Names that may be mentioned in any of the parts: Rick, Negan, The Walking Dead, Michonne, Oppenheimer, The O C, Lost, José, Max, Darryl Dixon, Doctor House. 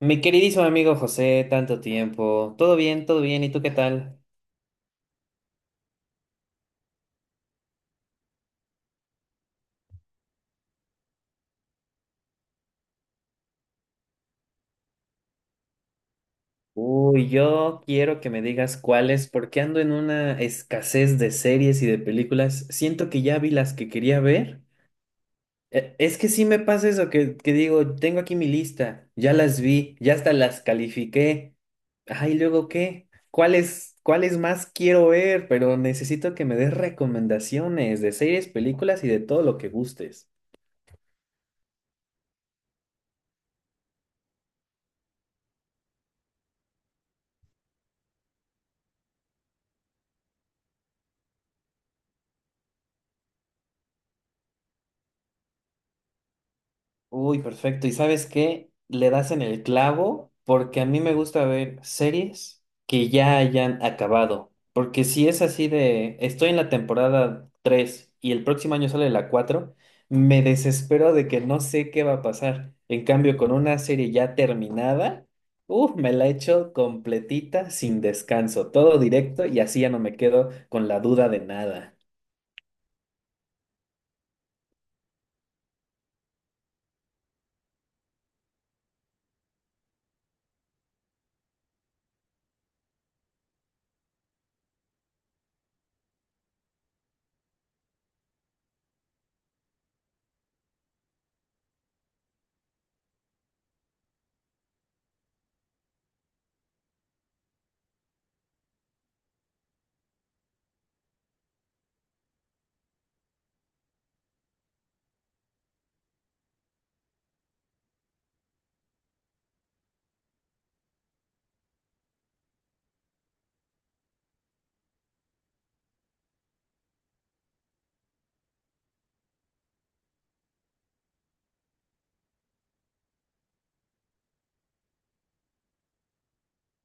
Mi queridísimo amigo José, tanto tiempo. ¿Todo bien? ¿Todo bien? ¿Y tú qué tal? Uy, yo quiero que me digas cuáles, porque ando en una escasez de series y de películas. Siento que ya vi las que quería ver. Es que sí me pasa eso, que digo, tengo aquí mi lista, ya las vi, ya hasta las califiqué. Ay, ¿luego qué? ¿Cuáles más quiero ver? Pero necesito que me des recomendaciones de series, películas y de todo lo que gustes. Uy, perfecto. ¿Y sabes qué? Le das en el clavo porque a mí me gusta ver series que ya hayan acabado. Porque si es así de, estoy en la temporada 3 y el próximo año sale la 4, me desespero de que no sé qué va a pasar. En cambio, con una serie ya terminada, uff, me la echo completita, sin descanso, todo directo y así ya no me quedo con la duda de nada.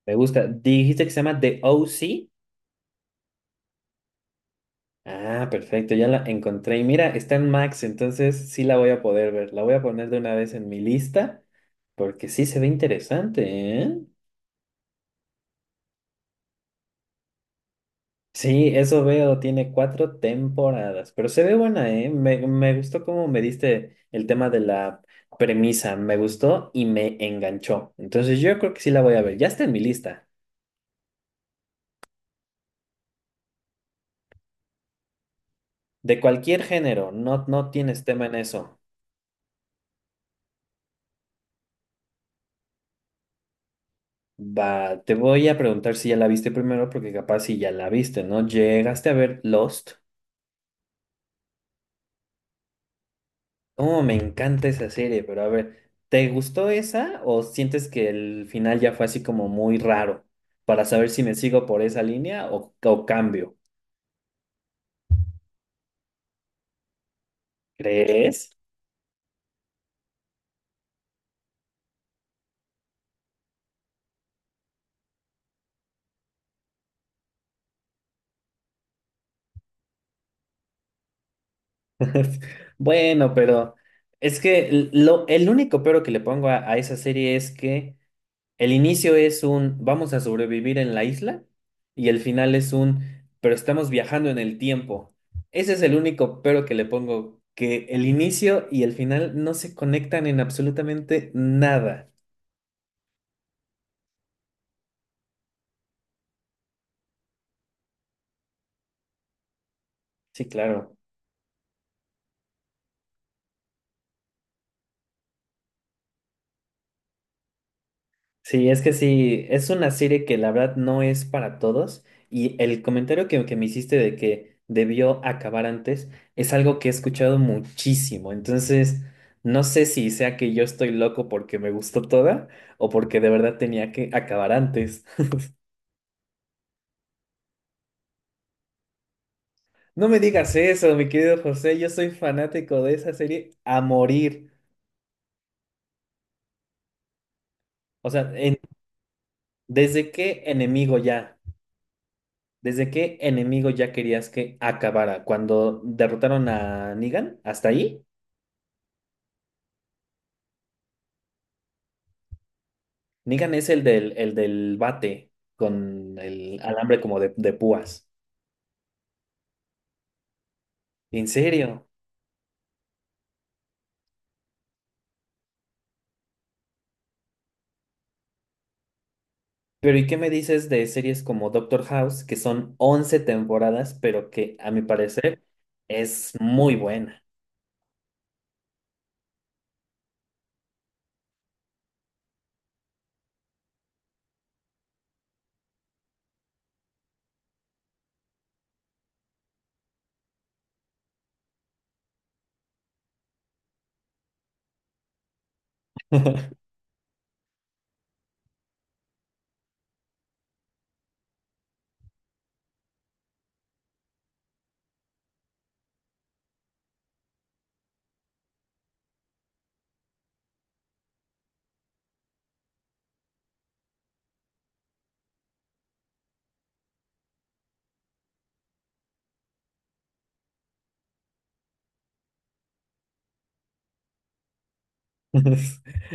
Me gusta. Dijiste que se llama The OC. Ah, perfecto, ya la encontré. Y mira, está en Max, entonces sí la voy a poder ver. La voy a poner de una vez en mi lista, porque sí se ve interesante, ¿eh? Sí, eso veo, tiene 4 temporadas, pero se ve buena, ¿eh? Me gustó cómo me diste el tema de la premisa, me gustó y me enganchó. Entonces yo creo que sí la voy a ver, ya está en mi lista. De cualquier género, no, no tienes tema en eso. Va, te voy a preguntar si ya la viste primero, porque capaz si ya la viste, ¿no? ¿Llegaste a ver Lost? Oh, me encanta esa serie, pero a ver, ¿te gustó esa o sientes que el final ya fue así como muy raro? Para saber si me sigo por esa línea o cambio. ¿Crees? Bueno, pero es que el único pero que le pongo a esa serie es que... El inicio es un vamos a sobrevivir en la isla y el final es un pero estamos viajando en el tiempo. Ese es el único pero que le pongo, que el inicio y el final no se conectan en absolutamente nada. Sí, claro. Sí, es que sí, es una serie que la verdad no es para todos y el comentario que me hiciste de que debió acabar antes es algo que he escuchado muchísimo, entonces no sé si sea que yo estoy loco porque me gustó toda o porque de verdad tenía que acabar antes. No me digas eso, mi querido José, yo soy fanático de esa serie a morir, o sea, desde qué enemigo ya. ¿Desde qué enemigo ya querías que acabara? Cuando derrotaron a Negan, hasta ahí. Negan es el del bate con el alambre como de púas. ¿En serio? Pero ¿y qué me dices de series como Doctor House, que son 11 temporadas, pero que a mi parecer es muy buena?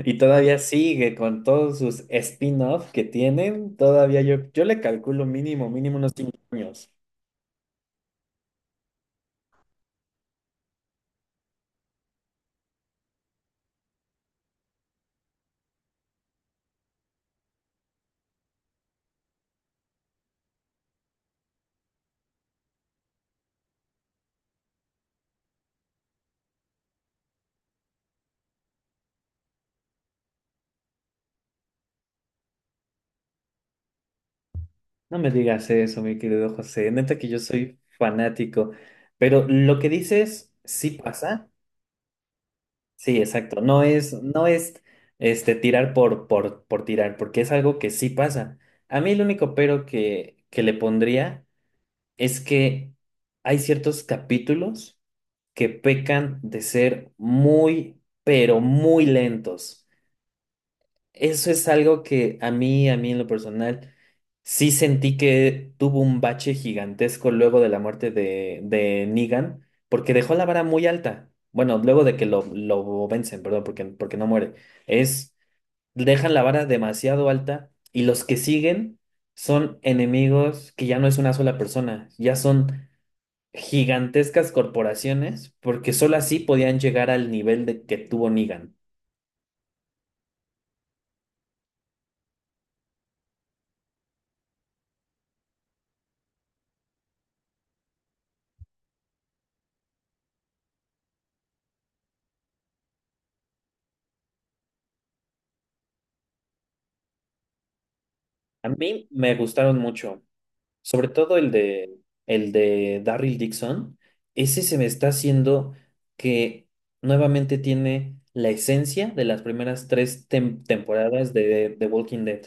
Y todavía sigue con todos sus spin-offs que tienen, todavía yo le calculo mínimo unos 5 años. No me digas eso, mi querido José. Neta que yo soy fanático. Pero lo que dices sí pasa. Sí, exacto. No es este, tirar por tirar, porque es algo que sí pasa. A mí el único pero que le pondría es que hay ciertos capítulos que pecan de ser muy, pero muy lentos. Eso es algo que a mí en lo personal, sí sentí que tuvo un bache gigantesco luego de la muerte de Negan, porque dejó la vara muy alta. Bueno, luego de que lo vencen, perdón, porque no muere. Es, dejan la vara demasiado alta y los que siguen son enemigos que ya no es una sola persona, ya son gigantescas corporaciones, porque solo así podían llegar al nivel de que tuvo Negan. A mí me gustaron mucho. Sobre todo el de Darryl Dixon, ese se me está haciendo que nuevamente tiene la esencia de las primeras tres temporadas de The Walking Dead.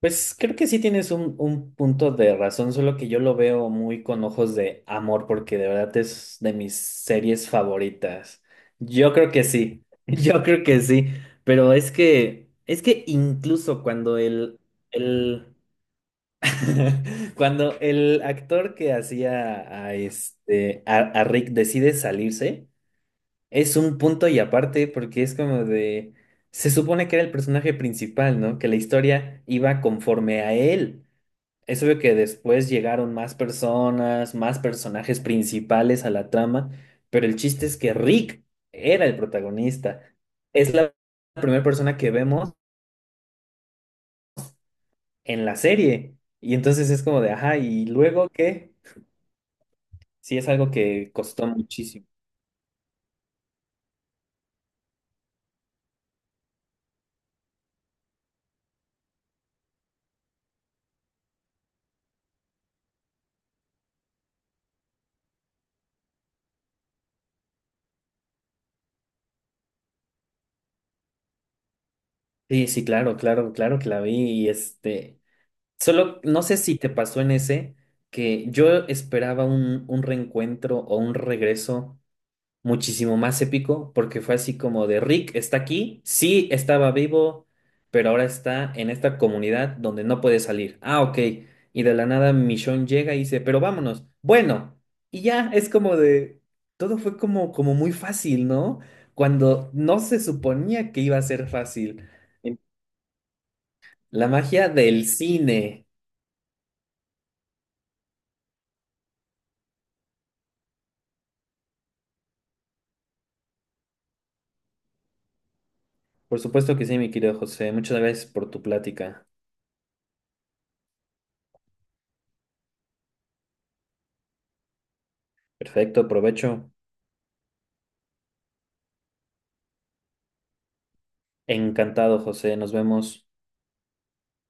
Pues creo que sí tienes un punto de razón, solo que yo lo veo muy con ojos de amor, porque de verdad es de mis series favoritas. Yo creo que sí, yo creo que sí, pero es que incluso cuando el cuando el actor que hacía a este a Rick decide salirse, es un punto y aparte porque es como de se supone que era el personaje principal, ¿no? Que la historia iba conforme a él. Es obvio que después llegaron más personas, más personajes principales a la trama, pero el chiste es que Rick era el protagonista. Es la primera persona que vemos en la serie. Y entonces es como de, ajá, ¿y luego qué? Sí, es algo que costó muchísimo. Sí, sí, claro, claro, claro que la vi y este, solo no sé si te pasó en ese que yo esperaba un reencuentro o un regreso muchísimo más épico porque fue así como de Rick está aquí, sí estaba vivo, pero ahora está en esta comunidad donde no puede salir. Ah, ok. Y de la nada Michonne llega y dice, pero vámonos. Bueno, y ya es como de, todo fue como, como muy fácil, ¿no? Cuando no se suponía que iba a ser fácil. En- La magia del cine. Por supuesto que sí, mi querido José. Muchas gracias por tu plática. Perfecto, provecho. Encantado, José. Nos vemos.